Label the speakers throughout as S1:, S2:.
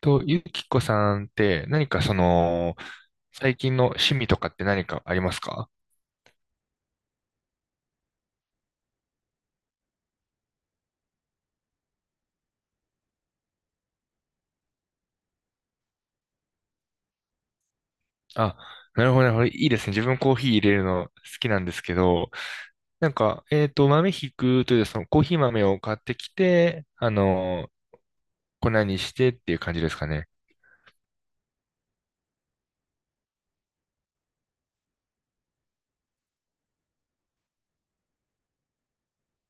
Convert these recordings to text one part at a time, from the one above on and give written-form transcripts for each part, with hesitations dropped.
S1: と、ゆきこさんって何かその、最近の趣味とかって何かありますか？あ、なるほど、なるほど。いいですね。自分コーヒー入れるの好きなんですけど、豆ひくという、そのコーヒー豆を買ってきて、粉にしてっていう感じですかね。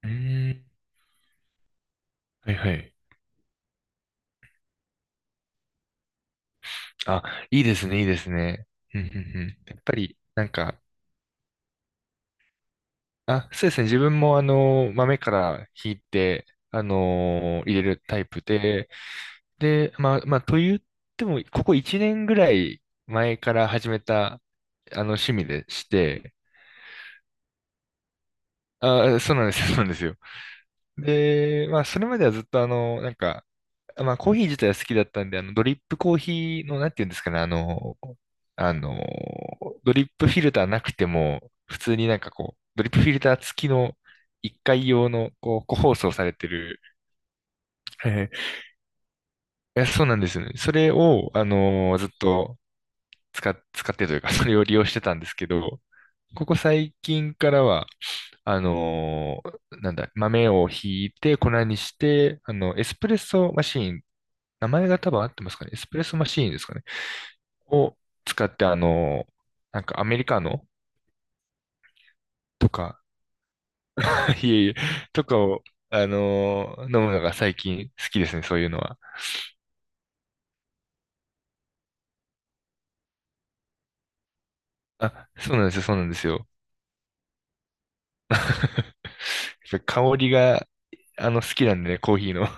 S1: うーん。はいはい。あ、いいですね、いいですね。うんうんうん。やっぱり、なんか、あ、そうですね。自分も豆からひいて、入れるタイプで、と言っても、ここ1年ぐらい前から始めた、趣味でして、あー、そうなんですよ、そうなんですよ。で、まあ、それまではずっと、コーヒー自体は好きだったんで、ドリップコーヒーの、なんていうんですかね、あの、あの、ドリップフィルターなくても、普通になんかこう、ドリップフィルター付きの1回用の、こう、個包装されてる、え、そうなんですよね。それを、ずっと、使ってというか、それを利用してたんですけど、ここ最近からは、あのーなんだ、豆をひいて粉にして、エスプレッソマシーン、名前が多分合ってますかね、エスプレッソマシーンですかね、を使って、なんかアメリカのとか、いえいえ、とかを、飲むのが最近好きですね、そういうのは。あ、そうなんですよ、そうなんですよ。やっぱり香りが、好きなんでね、コーヒーの。い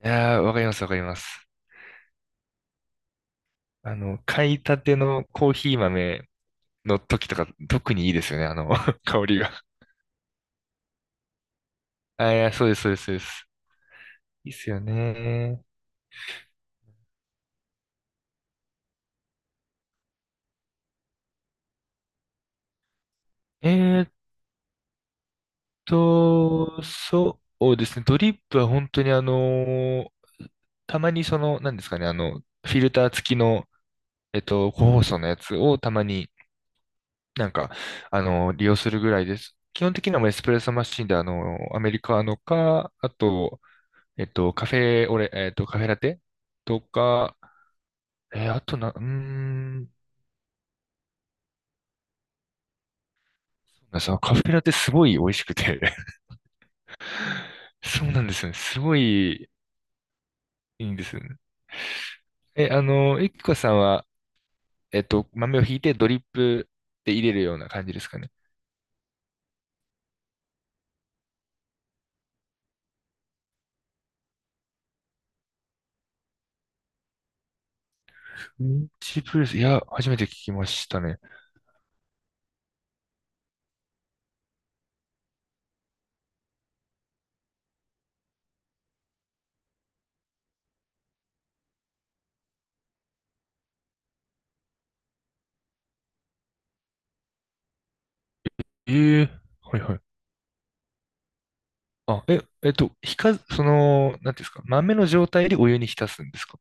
S1: やー、わかります、わかります。あの、買いたてのコーヒー豆の時とか特にいいですよね、あの、香りが。あ、いや、そうです、そうです、そうです。いいっすよね。えーっそうですね、ドリップは本当にたまにその、なんですかね、あの、フィルター付きの、個包装のやつをたまになんか、利用するぐらいです。基本的にはもうエスプレッソマシンで、アメリカーノか、あと、カフェオレ、カフェラテとか、えーあとな、うーん、そうなんです。あのカフェラテすごい美味しくて そうなんですよね。すごいいいんですよね。え、ゆきこさんは、豆をひいてドリップで入れるような感じですかね。ミンチプレス、いや、初めて聞きましたね。ええ、はいはい。あ、え、えっと、ひか、その、なんていうんですか、豆の状態でお湯に浸すんですか？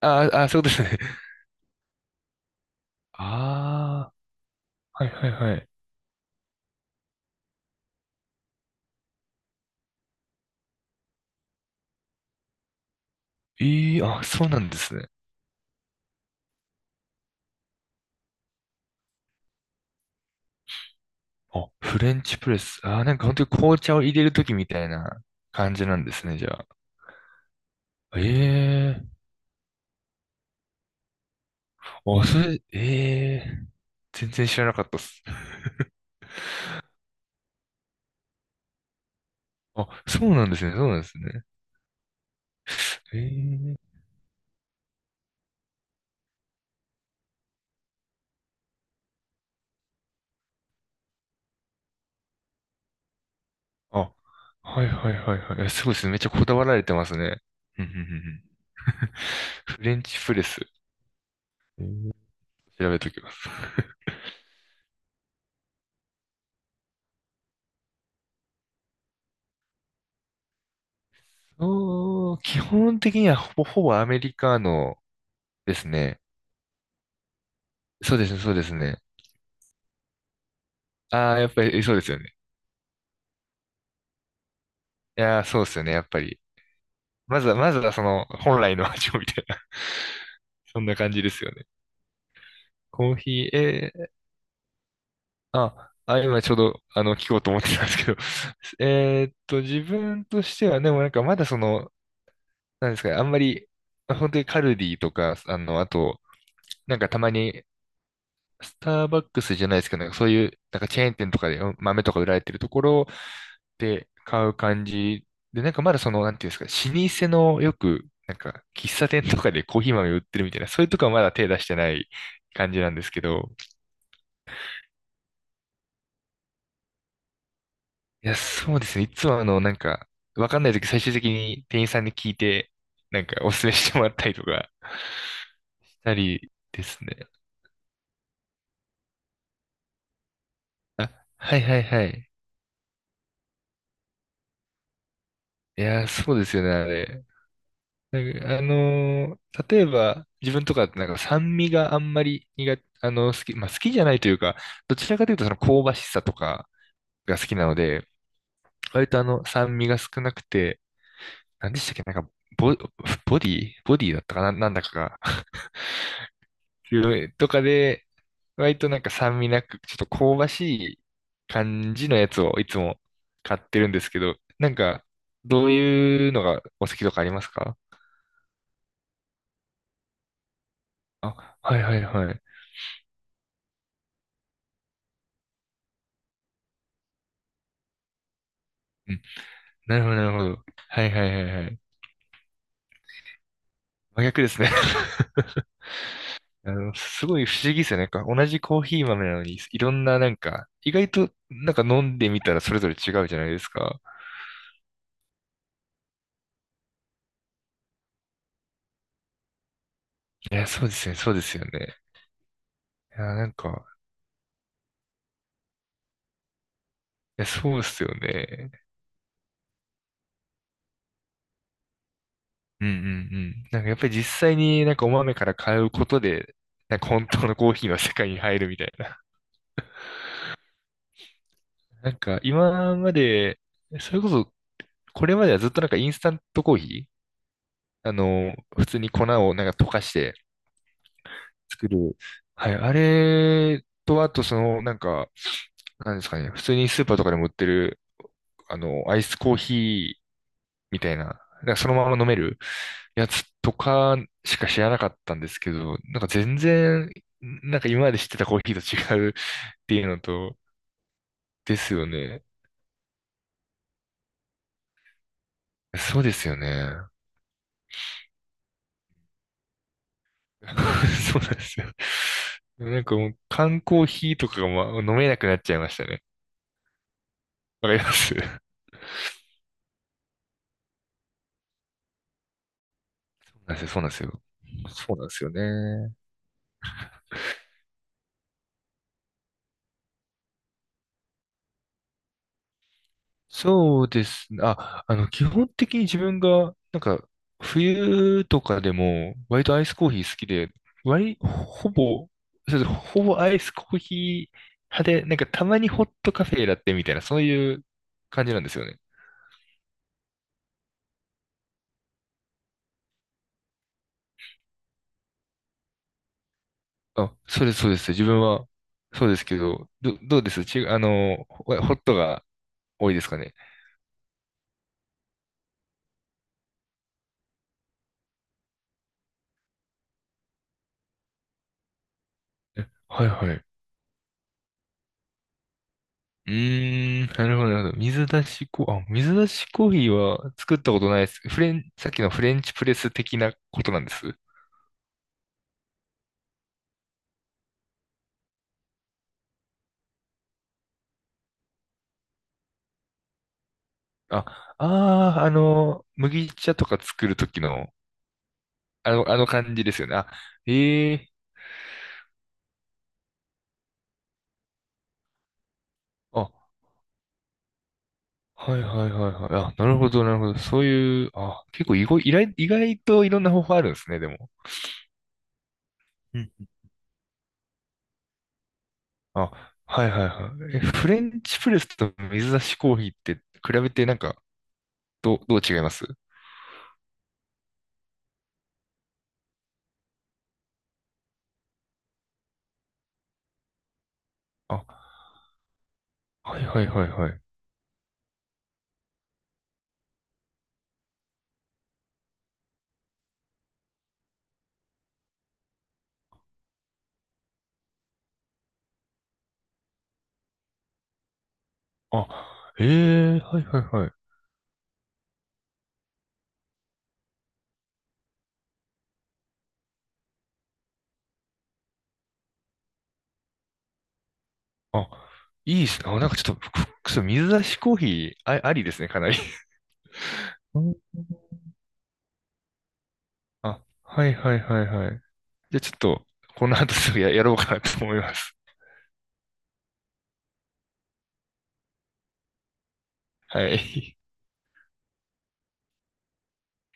S1: ああ、そうですね。ああ、はいはいはい。え、あ、そうなんですね。あ、フレンチプレス。ああ、なんか本当に紅茶を入れるときみたいな感じなんですね、じゃあ。ええー、あ、それ、ええー、全然知らなかったっす。あ、そうなんですね、そうなんですね。ええー、あ、はいはいはいはい。えすごいですね。めっちゃこだわられてますね。うんうんうんうん、フレンチプレス。えー、調べときます。うーん、基本的にはほぼほぼアメリカのですね。そうですね、そうですね。ああ、やっぱりそうですよね。いやー、そうですよね、やっぱり。まずは、まずはその本来の味をみたいな。そんな感じですよね。コーヒー、えー、あ、あ、今ちょうど、聞こうと思ってたんですけど、えーっと、自分としては、でもなんかまだその、なんですかね、あんまり、本当にカルディとか、あと、なんかたまにスターバックスじゃないですけど、なんかそういう、なんかチェーン店とかでうん豆とか売られてるところで買う感じで、なんかまだその、なんていうんですか、老舗のよく、なんか喫茶店とかでコーヒー豆売ってるみたいな、そういうとこはまだ手出してない感じなんですけど、いや、そうですね。いつもわかんないとき最終的に店員さんに聞いて、なんかおすすめしてもらったりとかしたりですね。あ、はいはいはい。いや、そうですよね、あれ。なんかあのー例えば、自分とかってなんか酸味があんまり苦手、まあ好きじゃないというか、どちらかというとその香ばしさとかが好きなので、割と酸味が少なくて、なんでしたっけ、ボ、ボディだったかな、なんだかが、強いとかで、割となんか酸味なく、ちょっと香ばしい感じのやつをいつも買ってるんですけど、なんか、どういうのがお好きとかありますか？あ、はいはいはい。うん、なるほど、なるほど。はいはいはいはい。真逆ですね。あの、すごい不思議ですよね。なんか同じコーヒー豆なのに、いろんななんか、意外となんか飲んでみたらそれぞれ違うじゃないですか。いや、そうですね、そうですよね。いや、なんか、いや、そうですよね。うんうんうん。なんかやっぱり実際になんかお豆から買うことで、なんか本当のコーヒーの世界に入るみたいな。なんか今まで、それこそ、これまではずっとなんかインスタントコーヒー、普通に粉をなんか溶かして、作る。はい。あれと、あとその、なんか、なんですかね。普通にスーパーとかでも売ってる、アイスコーヒーみたいな、なんかそのまま飲めるやつとかしか知らなかったんですけど、なんか全然、なんか今まで知ってたコーヒーと違うっていうのと、ですよね。そうですよね。そうなんですよ。でもなんかもう缶コーヒーとかが、ま、飲めなくなっちゃいましたね。わかります。 そうなんですよ、そうなんですよ。そうなんですよね。そうですね。あ、基本的に自分が、なんか、冬とかでも、割とアイスコーヒー好きで、割、ほぼ、そうです、ほぼアイスコーヒー派で、なんかたまにホットカフェラテみたいな、そういう感じなんですよね。あ、そうです、そうです。自分は、そうですけど、どうですち、ホットが多いですかね。え、はいはい。うーん、なるほど、なるほど。水出しコー、あ、水出しコーヒーは作ったことないです。フレン、さっきのフレンチプレス的なことなんです。あ、ああ、麦茶とか作るときの、あの、あの感じですよね。あ、ええ、あ、はいはいはいはい。あ、なるほど、なるほど。そういう、あ、結構意外、意外、意外といろんな方法あるんですね、でも。うん、あ、はいはいはい。え、フレンチプレスと水出しコーヒーって比べてなんか、ど、う、どう違います？あ、はいはいはいはい。あ、ええ、はいはいはい。あ、いいですね。あ、なんかちょっと、水出しコーヒー、あ、ありですね、かなり。うん、あ、はいはいはいはい。じゃあちょっと、この後すぐや、やろうかなと思います。はい。